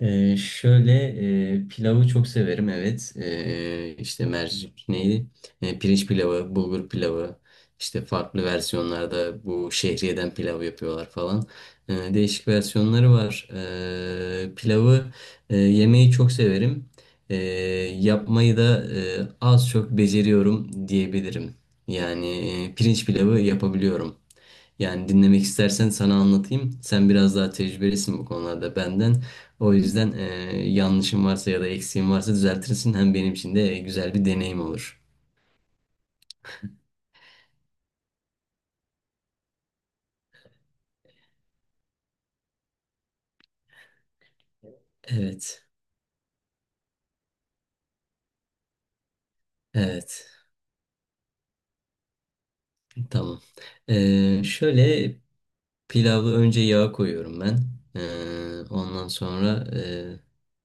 Ee, şöyle pilavı çok severim, evet. İşte mercik neydi? Pirinç pilavı, bulgur pilavı. İşte farklı versiyonlarda bu şehriyeden pilav yapıyorlar falan. Değişik versiyonları var. Pilavı yemeyi çok severim. Ee, Yapmayı da az çok beceriyorum diyebilirim. Yani pirinç pilavı yapabiliyorum. Yani dinlemek istersen sana anlatayım. Sen biraz daha tecrübelisin bu konularda benden. O yüzden yanlışım varsa ya da eksiğim varsa düzeltirsin. Hem benim için de güzel bir deneyim olur. Evet, evet. Tamam. Şöyle Pilavı önce yağa koyuyorum ben. Ee, ondan sonra e,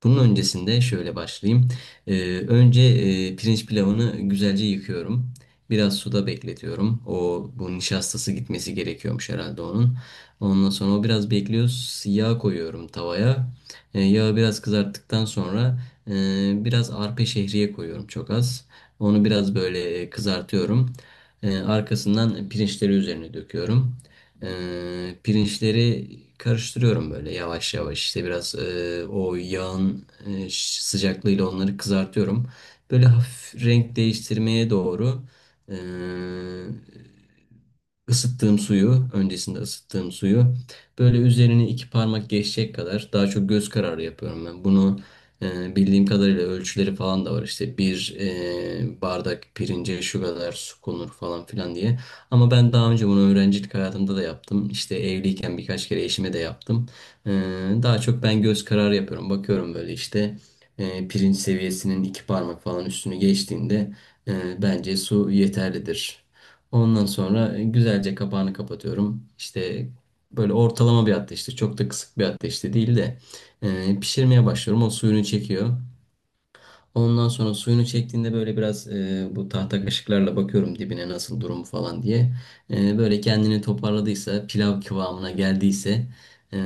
bunun öncesinde şöyle başlayayım. Ee, Önce pirinç pilavını güzelce yıkıyorum. Biraz suda bekletiyorum. O bu nişastası gitmesi gerekiyormuş herhalde onun. Ondan sonra o biraz bekliyor. Yağ koyuyorum tavaya. Yağı biraz kızarttıktan sonra biraz arpa şehriye koyuyorum çok az. Onu biraz böyle kızartıyorum. Arkasından pirinçleri üzerine döküyorum. Pirinçleri Karıştırıyorum böyle yavaş yavaş, işte biraz o yağın sıcaklığıyla onları kızartıyorum. Böyle hafif renk değiştirmeye doğru, e, ısıttığım suyu, öncesinde ısıttığım suyu böyle üzerine iki parmak geçecek kadar, daha çok göz kararı yapıyorum ben. Bunu bildiğim kadarıyla ölçüleri falan da var, işte bir bardak pirince şu kadar su konur falan filan diye. Ama ben daha önce bunu öğrencilik hayatımda da yaptım. İşte evliyken birkaç kere eşime de yaptım. Ee, Daha çok ben göz kararı yapıyorum. Bakıyorum böyle işte pirinç seviyesinin iki parmak falan üstünü geçtiğinde bence su yeterlidir. Ondan sonra güzelce kapağını kapatıyorum. İşte böyle ortalama bir ateşte, çok da kısık bir ateşte değil de pişirmeye başlıyorum. O suyunu çekiyor. Ondan sonra suyunu çektiğinde böyle biraz bu tahta kaşıklarla bakıyorum dibine nasıl, durumu falan diye. Böyle kendini toparladıysa, pilav kıvamına geldiyse e,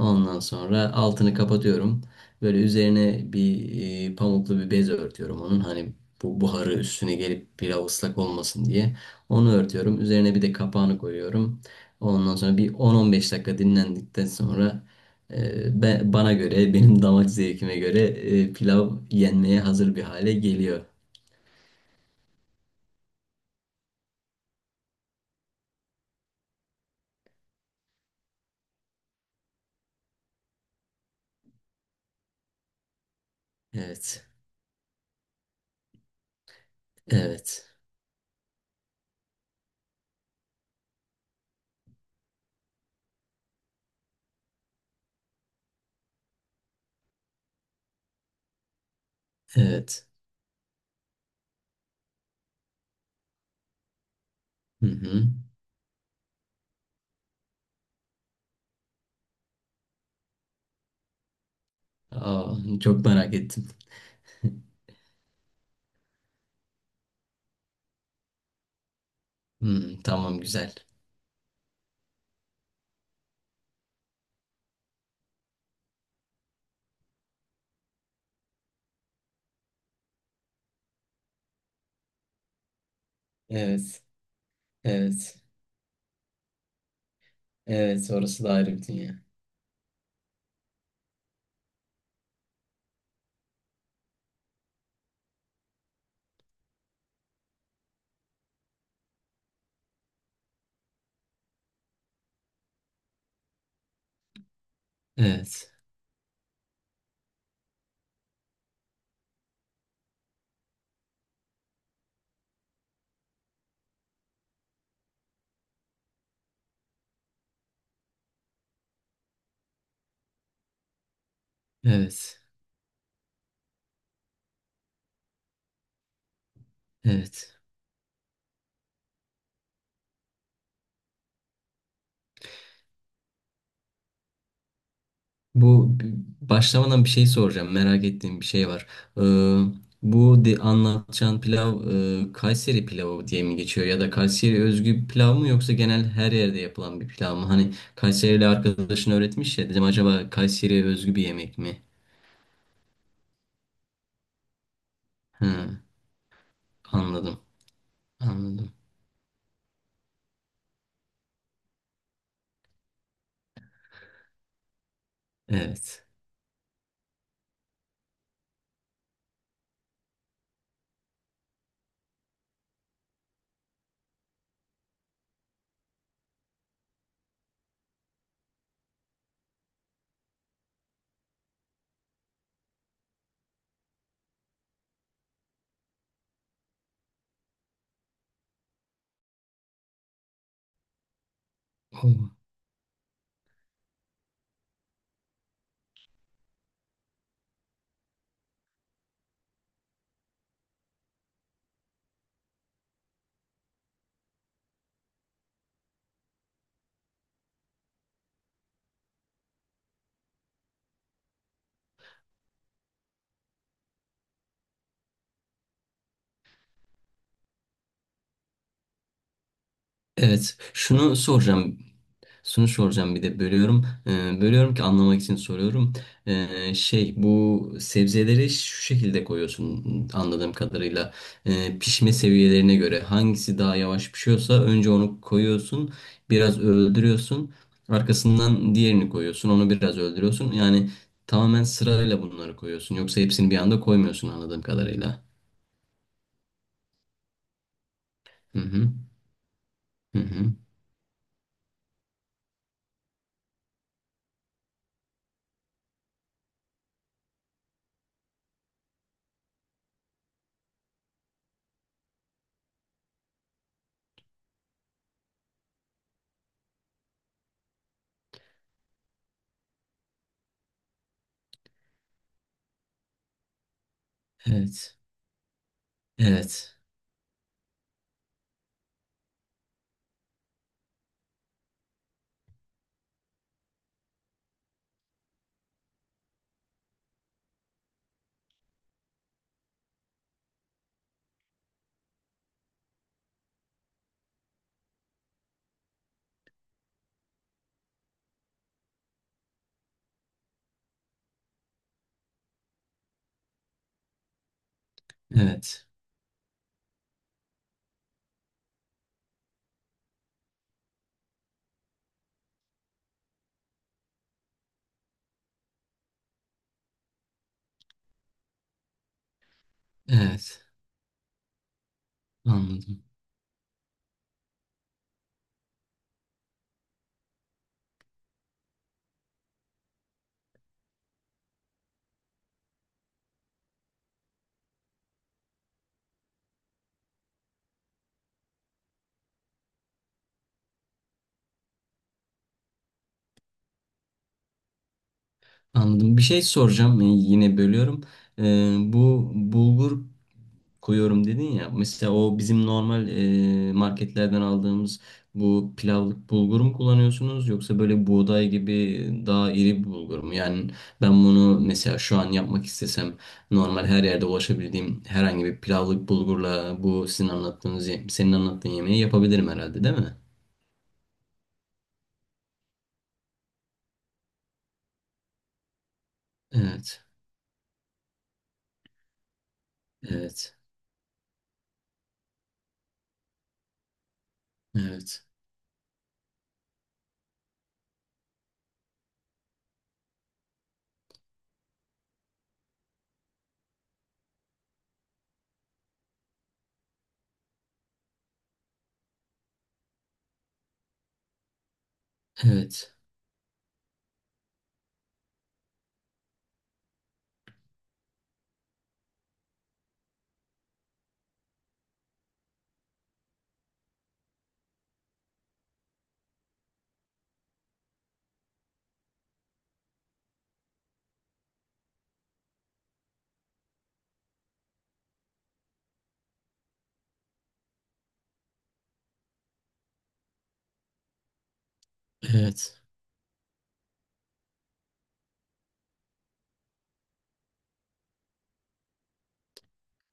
ondan sonra altını kapatıyorum. Böyle üzerine bir pamuklu bir bez örtüyorum onun. Hani bu buharı üstüne gelip pilav ıslak olmasın diye. Onu örtüyorum. Üzerine bir de kapağını koyuyorum. Ondan sonra bir 10-15 dakika dinlendikten sonra ben, bana göre, benim damak zevkime göre pilav yenmeye hazır bir hale geliyor. Evet, evet, evet. Hı hı. Aa, çok merak ettim. Hmm, tamam, güzel. Evet, evet, evet. Orası da ayrı bir dünya. Evet, evet, evet. Başlamadan bir şey soracağım. Merak ettiğim bir şey var. Ee, Anlatacağın pilav Kayseri pilavı diye mi geçiyor ya da Kayseri özgü bir pilav mı, yoksa genel her yerde yapılan bir pilav mı? Hani Kayserili arkadaşın öğretmiş ya, dedim acaba Kayseri'ye özgü bir yemek mi? Hı, anladım. Anladım. Evet. Evet, şunu soracağım. Şunu soracağım, bir de bölüyorum. Bölüyorum ki anlamak için soruyorum. Bu sebzeleri şu şekilde koyuyorsun anladığım kadarıyla. Pişme seviyelerine göre hangisi daha yavaş pişiyorsa önce onu koyuyorsun. Biraz öldürüyorsun. Arkasından diğerini koyuyorsun. Onu biraz öldürüyorsun. Yani tamamen sırayla bunları koyuyorsun. Yoksa hepsini bir anda koymuyorsun anladığım kadarıyla. Hı hı. Hı hı. Evet. Evet. Evet. Evet. Anladım. Anladım. Bir şey soracağım. Yani yine bölüyorum. Bu bulgur koyuyorum dedin ya. Mesela o bizim normal marketlerden aldığımız bu pilavlık bulgur mu kullanıyorsunuz, yoksa böyle buğday gibi daha iri bir bulgur mu? Yani ben bunu mesela şu an yapmak istesem normal her yerde ulaşabildiğim herhangi bir pilavlık bulgurla bu sizin anlattığınız, senin anlattığın yemeği yapabilirim herhalde, değil mi? Evet. Evet. Evet. Evet. Evet.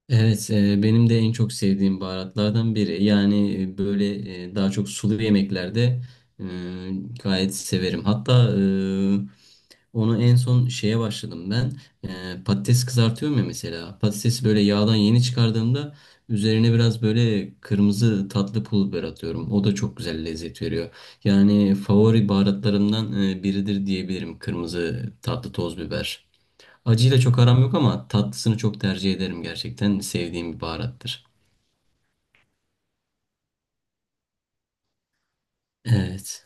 Evet, benim de en çok sevdiğim baharatlardan biri. Yani böyle daha çok sulu yemeklerde e, gayet severim. Hatta onu en son şeye başladım ben. E, patates kızartıyorum ya mesela. Patatesi böyle yağdan yeni çıkardığımda üzerine biraz böyle kırmızı tatlı pul biber atıyorum. O da çok güzel lezzet veriyor. Yani favori baharatlarımdan biridir diyebilirim, kırmızı tatlı toz biber. Acıyla çok aram yok ama tatlısını çok tercih ederim gerçekten. Sevdiğim bir baharattır. Evet.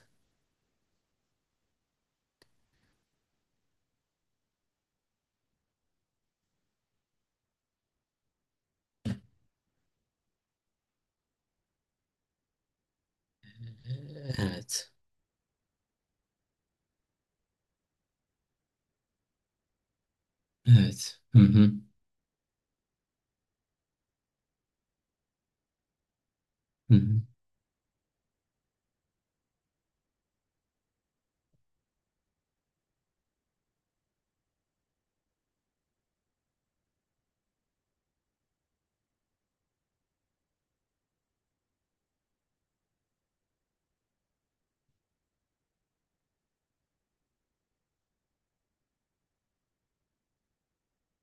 Evet. Evet. Hı hı. Hı hı.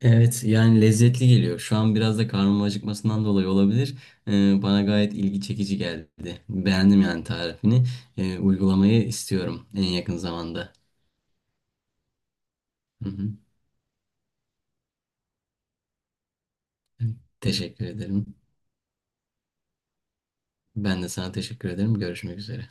Evet, yani lezzetli geliyor. Şu an biraz da karnım acıkmasından dolayı olabilir. Bana gayet ilgi çekici geldi. Beğendim yani tarifini. Uygulamayı istiyorum en yakın zamanda. Hı hı. Teşekkür ederim. Ben de sana teşekkür ederim. Görüşmek üzere.